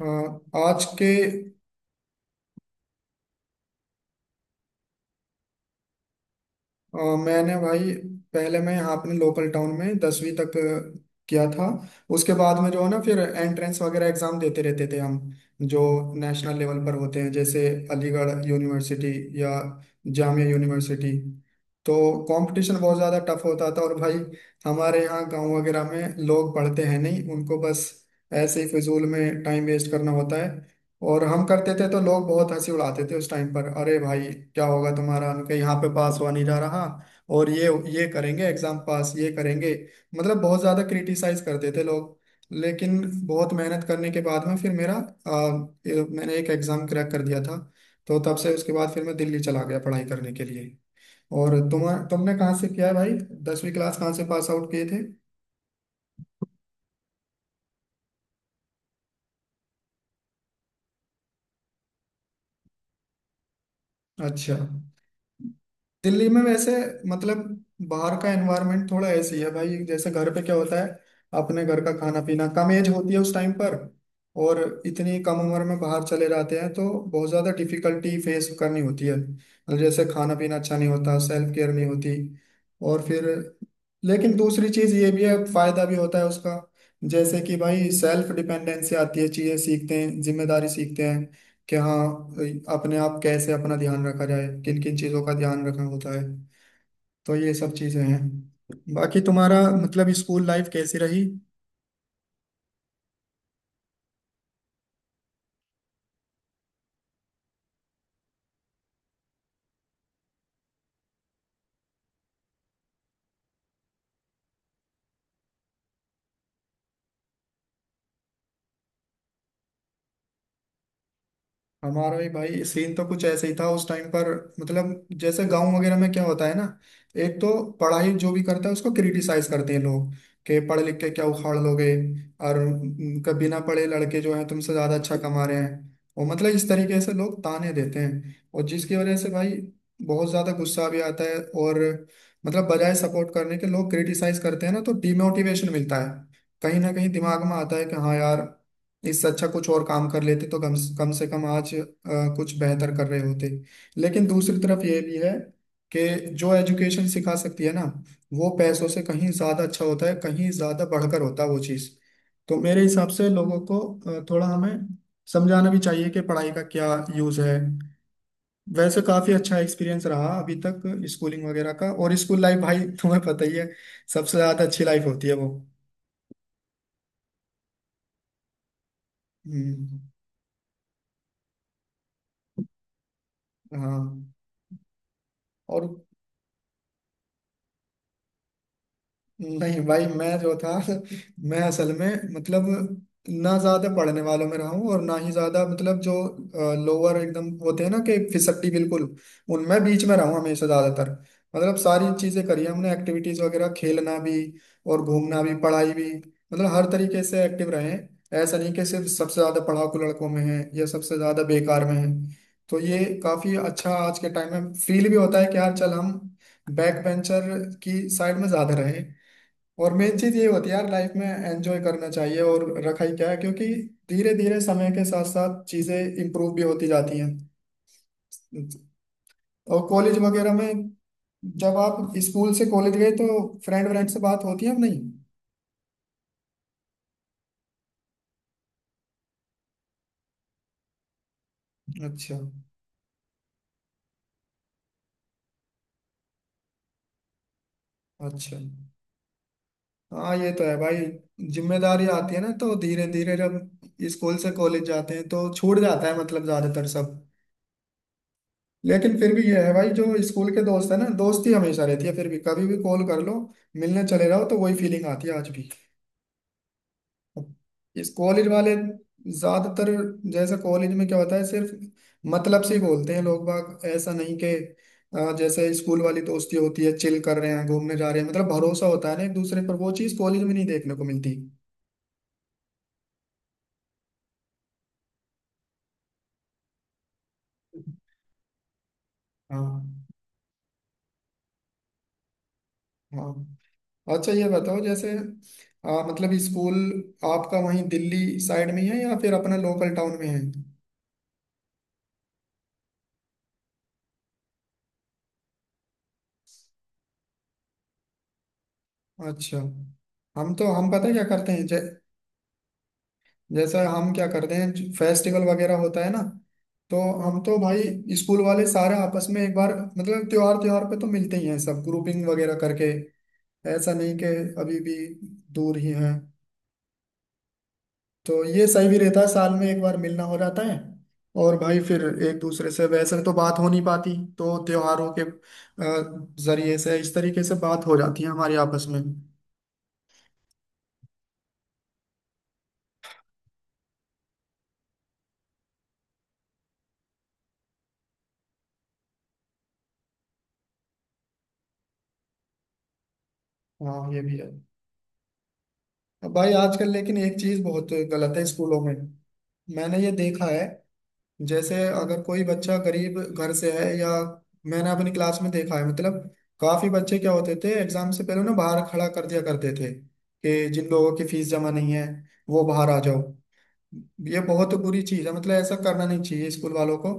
हाँ, आज के अ, मैंने भाई पहले मैं यहाँ अपने लोकल टाउन में 10वीं तक किया था। उसके बाद में जो है ना फिर एंट्रेंस वगैरह एग्जाम देते रहते थे हम, जो नेशनल लेवल पर होते हैं, जैसे अलीगढ़ यूनिवर्सिटी या जामिया यूनिवर्सिटी। तो कंपटीशन बहुत ज़्यादा टफ होता था। और भाई हमारे यहाँ गांव वगैरह में लोग पढ़ते हैं नहीं, उनको बस ऐसे ही फिजूल में टाइम वेस्ट करना होता है, और हम करते थे तो लोग बहुत हंसी उड़ाते थे उस टाइम पर। अरे भाई क्या होगा तुम्हारा, उनके यहाँ पे पास हुआ नहीं जा रहा और ये करेंगे एग्जाम पास, ये करेंगे। मतलब बहुत ज्यादा क्रिटिसाइज करते थे लोग। लेकिन बहुत मेहनत करने के बाद में फिर मेरा मैंने एक एग्जाम क्रैक कर दिया था। तो तब से उसके बाद फिर मैं दिल्ली चला गया पढ़ाई करने के लिए। और तुमने कहाँ से किया है भाई? 10वीं क्लास कहाँ से पास आउट किए थे? अच्छा। दिल्ली में वैसे मतलब बाहर का एनवायरनमेंट थोड़ा ऐसी है भाई, जैसे घर पे क्या होता है अपने घर का खाना पीना, कम एज होती है उस टाइम पर। और इतनी कम उम्र में बाहर चले जाते हैं तो बहुत ज़्यादा डिफिकल्टी फेस करनी होती है, मतलब जैसे खाना पीना अच्छा नहीं होता, सेल्फ केयर नहीं होती। और फिर लेकिन दूसरी चीज़ ये भी है, फायदा भी होता है उसका। जैसे कि भाई सेल्फ डिपेंडेंसी आती है, चीज़ें सीखते हैं, जिम्मेदारी सीखते हैं कि हाँ, अपने आप कैसे अपना ध्यान रखा जाए, किन किन चीज़ों का ध्यान रखना होता है। तो ये सब चीज़ें हैं। बाकी तुम्हारा मतलब स्कूल लाइफ कैसी रही? हमारा भी भाई सीन तो कुछ ऐसे ही था उस टाइम पर। मतलब जैसे गांव वगैरह में क्या होता है ना, एक तो पढ़ाई जो भी करता है उसको क्रिटिसाइज करते हैं लोग कि पढ़ लिख के क्या उखाड़ लोगे। और कभी ना पढ़े लड़के जो हैं तुमसे ज्यादा अच्छा कमा रहे हैं, और मतलब इस तरीके से लोग ताने देते हैं, और जिसकी वजह से भाई बहुत ज्यादा गुस्सा भी आता है। और मतलब बजाय सपोर्ट करने के लोग क्रिटिसाइज करते हैं ना, तो डिमोटिवेशन मिलता है। कहीं ना कहीं दिमाग में आता है कि हाँ यार, इससे अच्छा कुछ और काम कर लेते तो कम कम से कम आज कुछ बेहतर कर रहे होते। लेकिन दूसरी तरफ ये भी है कि जो एजुकेशन सिखा सकती है ना, वो पैसों से कहीं ज्यादा अच्छा होता है, कहीं ज्यादा बढ़कर होता है वो चीज़। तो मेरे हिसाब से लोगों को थोड़ा हमें समझाना भी चाहिए कि पढ़ाई का क्या यूज है। वैसे काफी अच्छा एक्सपीरियंस रहा अभी तक स्कूलिंग वगैरह का। और स्कूल लाइफ भाई तुम्हें पता ही है, सबसे ज्यादा अच्छी लाइफ होती है वो। हम्म, हाँ। और नहीं भाई मैं जो था मैं असल में मतलब ना ज्यादा पढ़ने वालों में रहा हूँ और ना ही ज्यादा, मतलब जो लोअर एकदम होते हैं ना कि फिसड्डी बिल्कुल, उनमें बीच में रहा हूँ हमेशा ज्यादातर। मतलब सारी चीजें करी हैं हमने, एक्टिविटीज वगैरह, खेलना भी और घूमना भी पढ़ाई भी। मतलब हर तरीके से एक्टिव रहे हैं। ऐसा नहीं कि सिर्फ सबसे ज्यादा पढ़ाकू लड़कों में है या सबसे ज्यादा बेकार में है। तो ये काफी अच्छा आज के टाइम में फील भी होता है कि यार, चल हम बैक बेंचर की साइड में ज्यादा रहे। और मेन चीज ये होती है यार, लाइफ में एंजॉय करना चाहिए, और रखा ही क्या है, क्योंकि धीरे धीरे समय के साथ साथ चीजें इम्प्रूव भी होती जाती हैं। और कॉलेज वगैरह में, जब आप स्कूल से कॉलेज गए तो फ्रेंड व्रेंड से बात होती है अब नहीं? अच्छा। अच्छा। हाँ ये तो है भाई, जिम्मेदारी आती है ना तो धीरे धीरे जब स्कूल से कॉलेज जाते हैं तो छूट जाता है मतलब ज्यादातर सब। लेकिन फिर भी ये है भाई, जो स्कूल के दोस्त है ना दोस्ती हमेशा रहती है फिर भी, कभी भी कॉल कर लो, मिलने चले जाओ तो वही फीलिंग आती है आज भी। इस कॉलेज वाले ज्यादातर, जैसे कॉलेज में क्या होता है, सिर्फ मतलब से ही बोलते हैं लोग बाग। ऐसा नहीं कि जैसे स्कूल वाली दोस्ती होती है चिल कर रहे हैं घूमने जा रहे हैं, मतलब भरोसा होता है ना एक दूसरे पर, वो चीज कॉलेज में नहीं देखने को मिलती। हाँ। हाँ, अच्छा ये बताओ जैसे मतलब स्कूल आपका वहीं दिल्ली साइड में ही है या फिर अपना लोकल टाउन में है? अच्छा। हम तो हम पता क्या करते हैं जैसा, हम क्या करते हैं फेस्टिवल वगैरह होता है ना, तो हम तो भाई स्कूल वाले सारे आपस में एक बार मतलब त्योहार त्योहार पे तो मिलते ही हैं सब, ग्रुपिंग वगैरह करके। ऐसा नहीं कि अभी भी दूर ही हैं। तो ये सही भी रहता है, साल में एक बार मिलना हो जाता है। और भाई फिर एक दूसरे से वैसे तो बात हो नहीं पाती, तो त्योहारों के जरिए से इस तरीके से बात हो जाती है हमारे आपस में। हाँ ये भी है। अब भाई आजकल लेकिन एक चीज बहुत गलत है स्कूलों में, मैंने ये देखा है। जैसे अगर कोई बच्चा गरीब घर से है, या मैंने अपनी क्लास में देखा है मतलब काफी बच्चे क्या होते थे एग्जाम से पहले ना बाहर खड़ा कर दिया करते थे कि जिन लोगों की फीस जमा नहीं है वो बाहर आ जाओ। ये बहुत बुरी चीज है, मतलब ऐसा करना नहीं चाहिए स्कूल वालों को।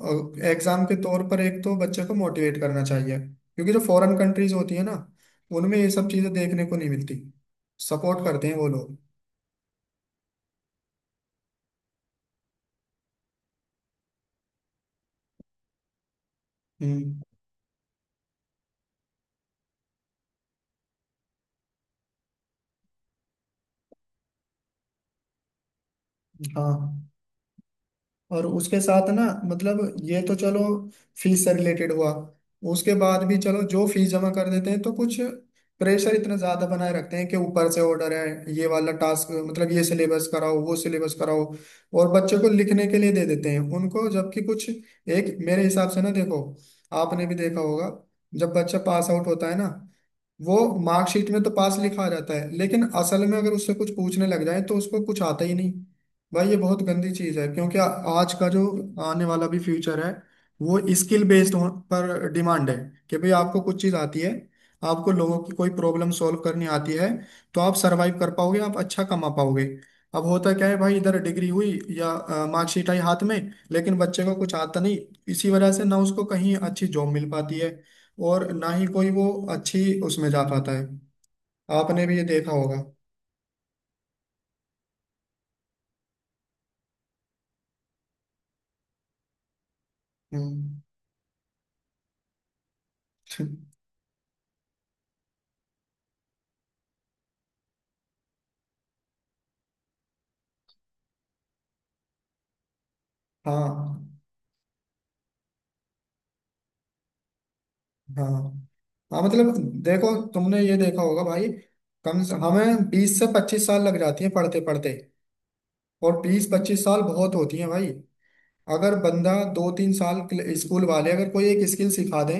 और एग्जाम के तौर पर एक तो बच्चे को मोटिवेट करना चाहिए, क्योंकि जो फॉरेन कंट्रीज होती है ना उनमें ये सब चीजें देखने को नहीं मिलती, सपोर्ट करते हैं वो लोग। हम्म। हाँ। और उसके साथ ना मतलब ये तो चलो फीस से रिलेटेड हुआ। उसके बाद भी चलो जो फीस जमा कर देते हैं तो कुछ प्रेशर इतना ज्यादा बनाए रखते हैं कि ऊपर से ऑर्डर है ये वाला टास्क, मतलब ये सिलेबस कराओ वो सिलेबस कराओ, और बच्चे को लिखने के लिए दे देते हैं उनको, जबकि कुछ एक मेरे हिसाब से ना देखो, आपने भी देखा होगा जब बच्चा पास आउट होता है ना वो मार्कशीट में तो पास लिखा रहता है, लेकिन असल में अगर उससे कुछ पूछने लग जाए तो उसको कुछ आता ही नहीं। भाई ये बहुत गंदी चीज है, क्योंकि आज का जो आने वाला भी फ्यूचर है वो स्किल बेस्ड पर डिमांड है, कि भाई आपको कुछ चीज आती है, आपको लोगों की कोई प्रॉब्लम सॉल्व करनी आती है तो आप सरवाइव कर पाओगे, आप अच्छा कमा पाओगे। अब होता क्या है भाई, इधर डिग्री हुई या मार्कशीट आई हाथ में, लेकिन बच्चे को कुछ आता नहीं। इसी वजह से ना उसको कहीं अच्छी जॉब मिल पाती है, और ना ही कोई वो अच्छी उसमें जा पाता है। आपने भी ये देखा होगा। हम्म। हाँ, हाँ। हाँ, मतलब देखो तुमने ये देखा होगा भाई, कम से हमें 20 से 25 साल लग जाती है पढ़ते पढ़ते, और 20-25 साल बहुत होती है भाई। अगर बंदा दो तीन स्कूल वाले अगर कोई एक स्किल सिखा दें,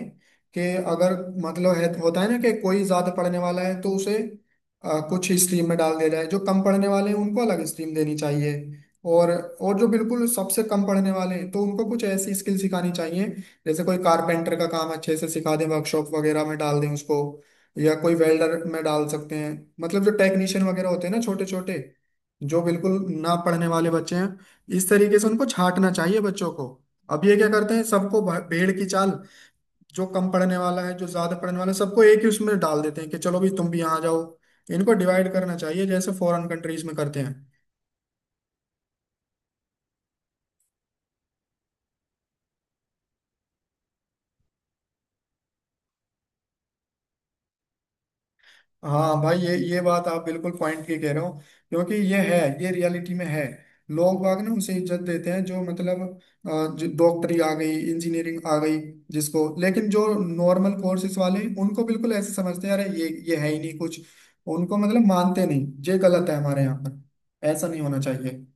कि अगर मतलब है होता है ना कि कोई ज्यादा पढ़ने वाला है तो उसे कुछ स्ट्रीम में डाल दिया जाए, जो कम पढ़ने वाले हैं उनको अलग स्ट्रीम देनी चाहिए, और और जो बिल्कुल सबसे कम पढ़ने वाले हैं तो उनको कुछ ऐसी स्किल सिखानी चाहिए, जैसे कोई कारपेंटर का काम अच्छे से सिखा दें, वर्कशॉप वगैरह में डाल दें उसको, या कोई वेल्डर में डाल सकते हैं। मतलब जो टेक्नीशियन वगैरह होते हैं ना छोटे छोटे, जो बिल्कुल ना पढ़ने वाले बच्चे हैं, इस तरीके से उनको छांटना चाहिए बच्चों को। अब ये क्या करते हैं सबको भेड़ की चाल, जो कम पढ़ने वाला है जो ज्यादा पढ़ने वाला है सबको एक ही उसमें डाल देते हैं कि चलो भी तुम भी यहाँ आ जाओ। इनको डिवाइड करना चाहिए जैसे फॉरेन कंट्रीज में करते हैं। हाँ भाई, ये बात आप बिल्कुल पॉइंट की कह रहे हो, क्योंकि ये है, ये रियलिटी में है। लोग बाग ना उसे इज्जत देते हैं जो मतलब जो डॉक्टरी आ गई इंजीनियरिंग आ गई जिसको, लेकिन जो नॉर्मल कोर्सेज वाले उनको बिल्कुल ऐसे समझते हैं, अरे ये है ही नहीं कुछ, उनको मतलब मानते नहीं। ये गलत है हमारे यहाँ पर, ऐसा नहीं होना चाहिए।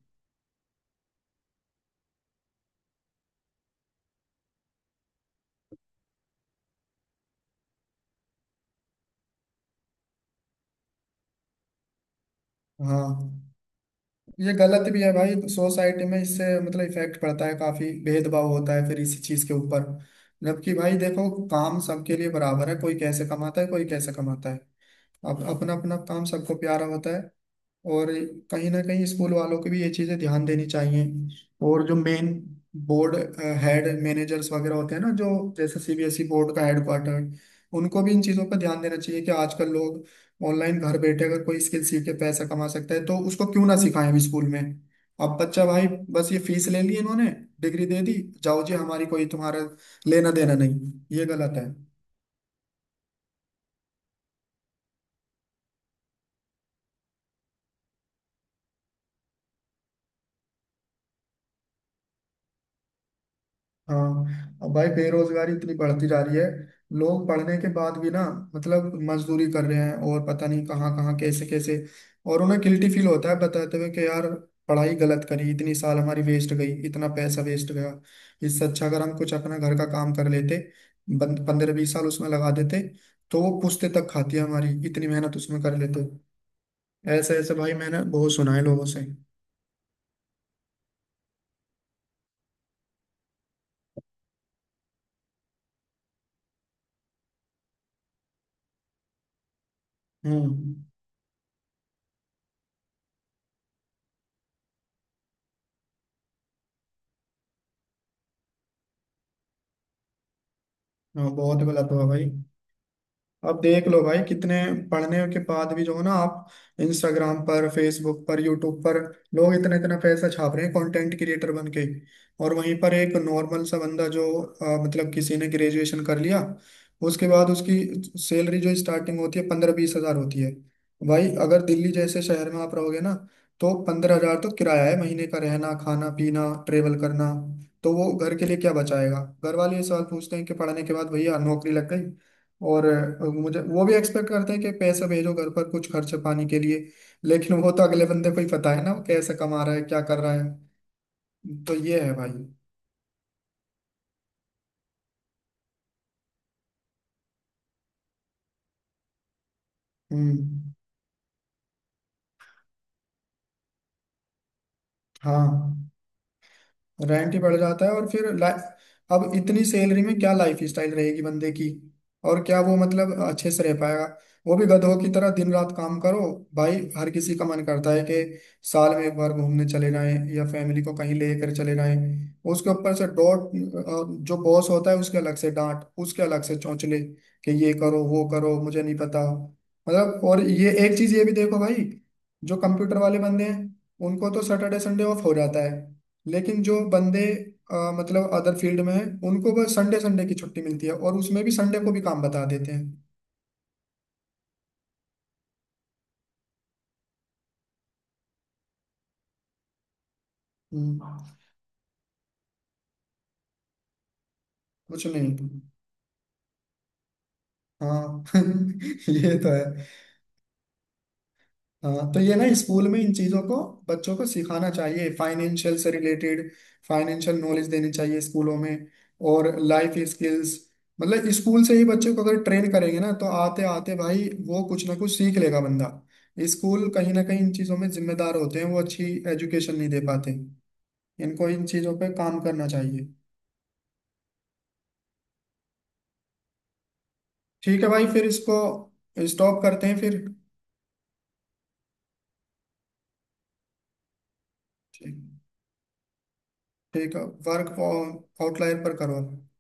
हाँ ये गलत भी है भाई, सोसाइटी में इससे मतलब इफेक्ट पड़ता है, काफी भेदभाव होता है फिर इसी चीज के ऊपर। जबकि भाई देखो काम सबके लिए बराबर है, कोई कैसे कमाता है कोई कैसे कमाता है, अब अपना अपना काम सबको प्यारा होता है। और कहीं ना कहीं स्कूल वालों को भी ये चीज़ें ध्यान देनी चाहिए। और जो मेन बोर्ड हेड मैनेजर्स वगैरह होते हैं ना, जो जैसे सीबीएसई बोर्ड का हेडक्वार्टर, उनको भी इन चीज़ों पर ध्यान देना चाहिए कि आजकल लोग ऑनलाइन घर बैठे अगर कोई स्किल सीख के पैसा कमा सकता है तो उसको क्यों ना सिखाएं अभी स्कूल में। अब बच्चा भाई, बस ये फीस ले ली इन्होंने, डिग्री दे दी, जाओ जी, हमारी कोई तुम्हारा लेना देना नहीं। ये गलत है। हाँ, अब भाई बेरोजगारी इतनी बढ़ती जा रही है, लोग पढ़ने के बाद भी ना मतलब मजदूरी कर रहे हैं और पता नहीं कहाँ कहाँ कैसे कैसे। और उन्हें गिल्टी फील होता है बताते हुए कि यार पढ़ाई गलत करी, इतनी साल हमारी वेस्ट गई, इतना पैसा वेस्ट गया। इससे अच्छा अगर हम कुछ अपना घर का काम कर लेते, 15-20 साल उसमें लगा देते, तो वो पुश्ते तक खाती है हमारी, इतनी मेहनत उसमें कर लेते। ऐसे ऐसे भाई मैंने बहुत सुना है लोगों से। हम्म। हाँ, बहुत गलत हुआ भाई। अब देख लो भाई कितने पढ़ने के बाद भी जो है ना आप इंस्टाग्राम पर फेसबुक पर यूट्यूब पर, लोग इतना इतना पैसा छाप रहे हैं कंटेंट क्रिएटर बन के। और वहीं पर एक नॉर्मल सा बंदा जो मतलब किसी ने ग्रेजुएशन कर लिया, उसके बाद उसकी सैलरी जो स्टार्टिंग होती है 15-20 हजार होती है। भाई अगर दिल्ली जैसे शहर में आप रहोगे ना तो 15 हजार तो किराया है महीने का, रहना खाना पीना ट्रेवल करना, तो वो घर के लिए क्या बचाएगा? घर वाले ये सवाल पूछते हैं कि पढ़ने के बाद भैया नौकरी लग गई, और मुझे वो भी एक्सपेक्ट करते हैं कि पैसे भेजो घर पर कुछ खर्च पानी के लिए। लेकिन वो तो अगले बंदे को ही पता है ना वो कैसे कमा रहा है क्या कर रहा है। तो ये है भाई। हम्म। हाँ, रेंट ही बढ़ जाता है और फिर अब इतनी सैलरी में क्या लाइफ स्टाइल रहेगी बंदे की, और क्या वो मतलब अच्छे से रह पाएगा? वो भी गधों की तरह दिन रात काम करो। भाई हर किसी का मन करता है कि साल में एक बार घूमने चले जाएं या फैमिली को कहीं लेकर चले जाएं। उसके ऊपर से डॉट, जो बॉस होता है उसके अलग से डांट, उसके अलग से चौंचले, कि ये करो वो करो मुझे नहीं पता। मतलब और ये एक चीज ये भी देखो भाई, जो कंप्यूटर वाले बंदे हैं उनको तो सैटरडे संडे ऑफ हो जाता है, लेकिन जो बंदे मतलब अदर फील्ड में हैं उनको बस संडे संडे की छुट्टी मिलती है, और उसमें भी संडे को भी काम बता देते हैं। हम्म, कुछ नहीं। हाँ। ये तो है। हाँ तो ये ना स्कूल में इन चीजों को बच्चों को सिखाना चाहिए, फाइनेंशियल से रिलेटेड फाइनेंशियल नॉलेज देनी चाहिए स्कूलों में, और लाइफ स्किल्स। मतलब स्कूल से ही बच्चे को अगर ट्रेन करेंगे ना तो आते आते भाई वो कुछ ना कुछ सीख लेगा बंदा। स्कूल कहीं ना कहीं इन चीजों में जिम्मेदार होते हैं, वो अच्छी एजुकेशन नहीं दे पाते, इनको इन चीजों पे काम करना चाहिए। ठीक है भाई, फिर इसको स्टॉप करते हैं फिर। ठीक। ठीक है। वर्क आउटलायर पर करो।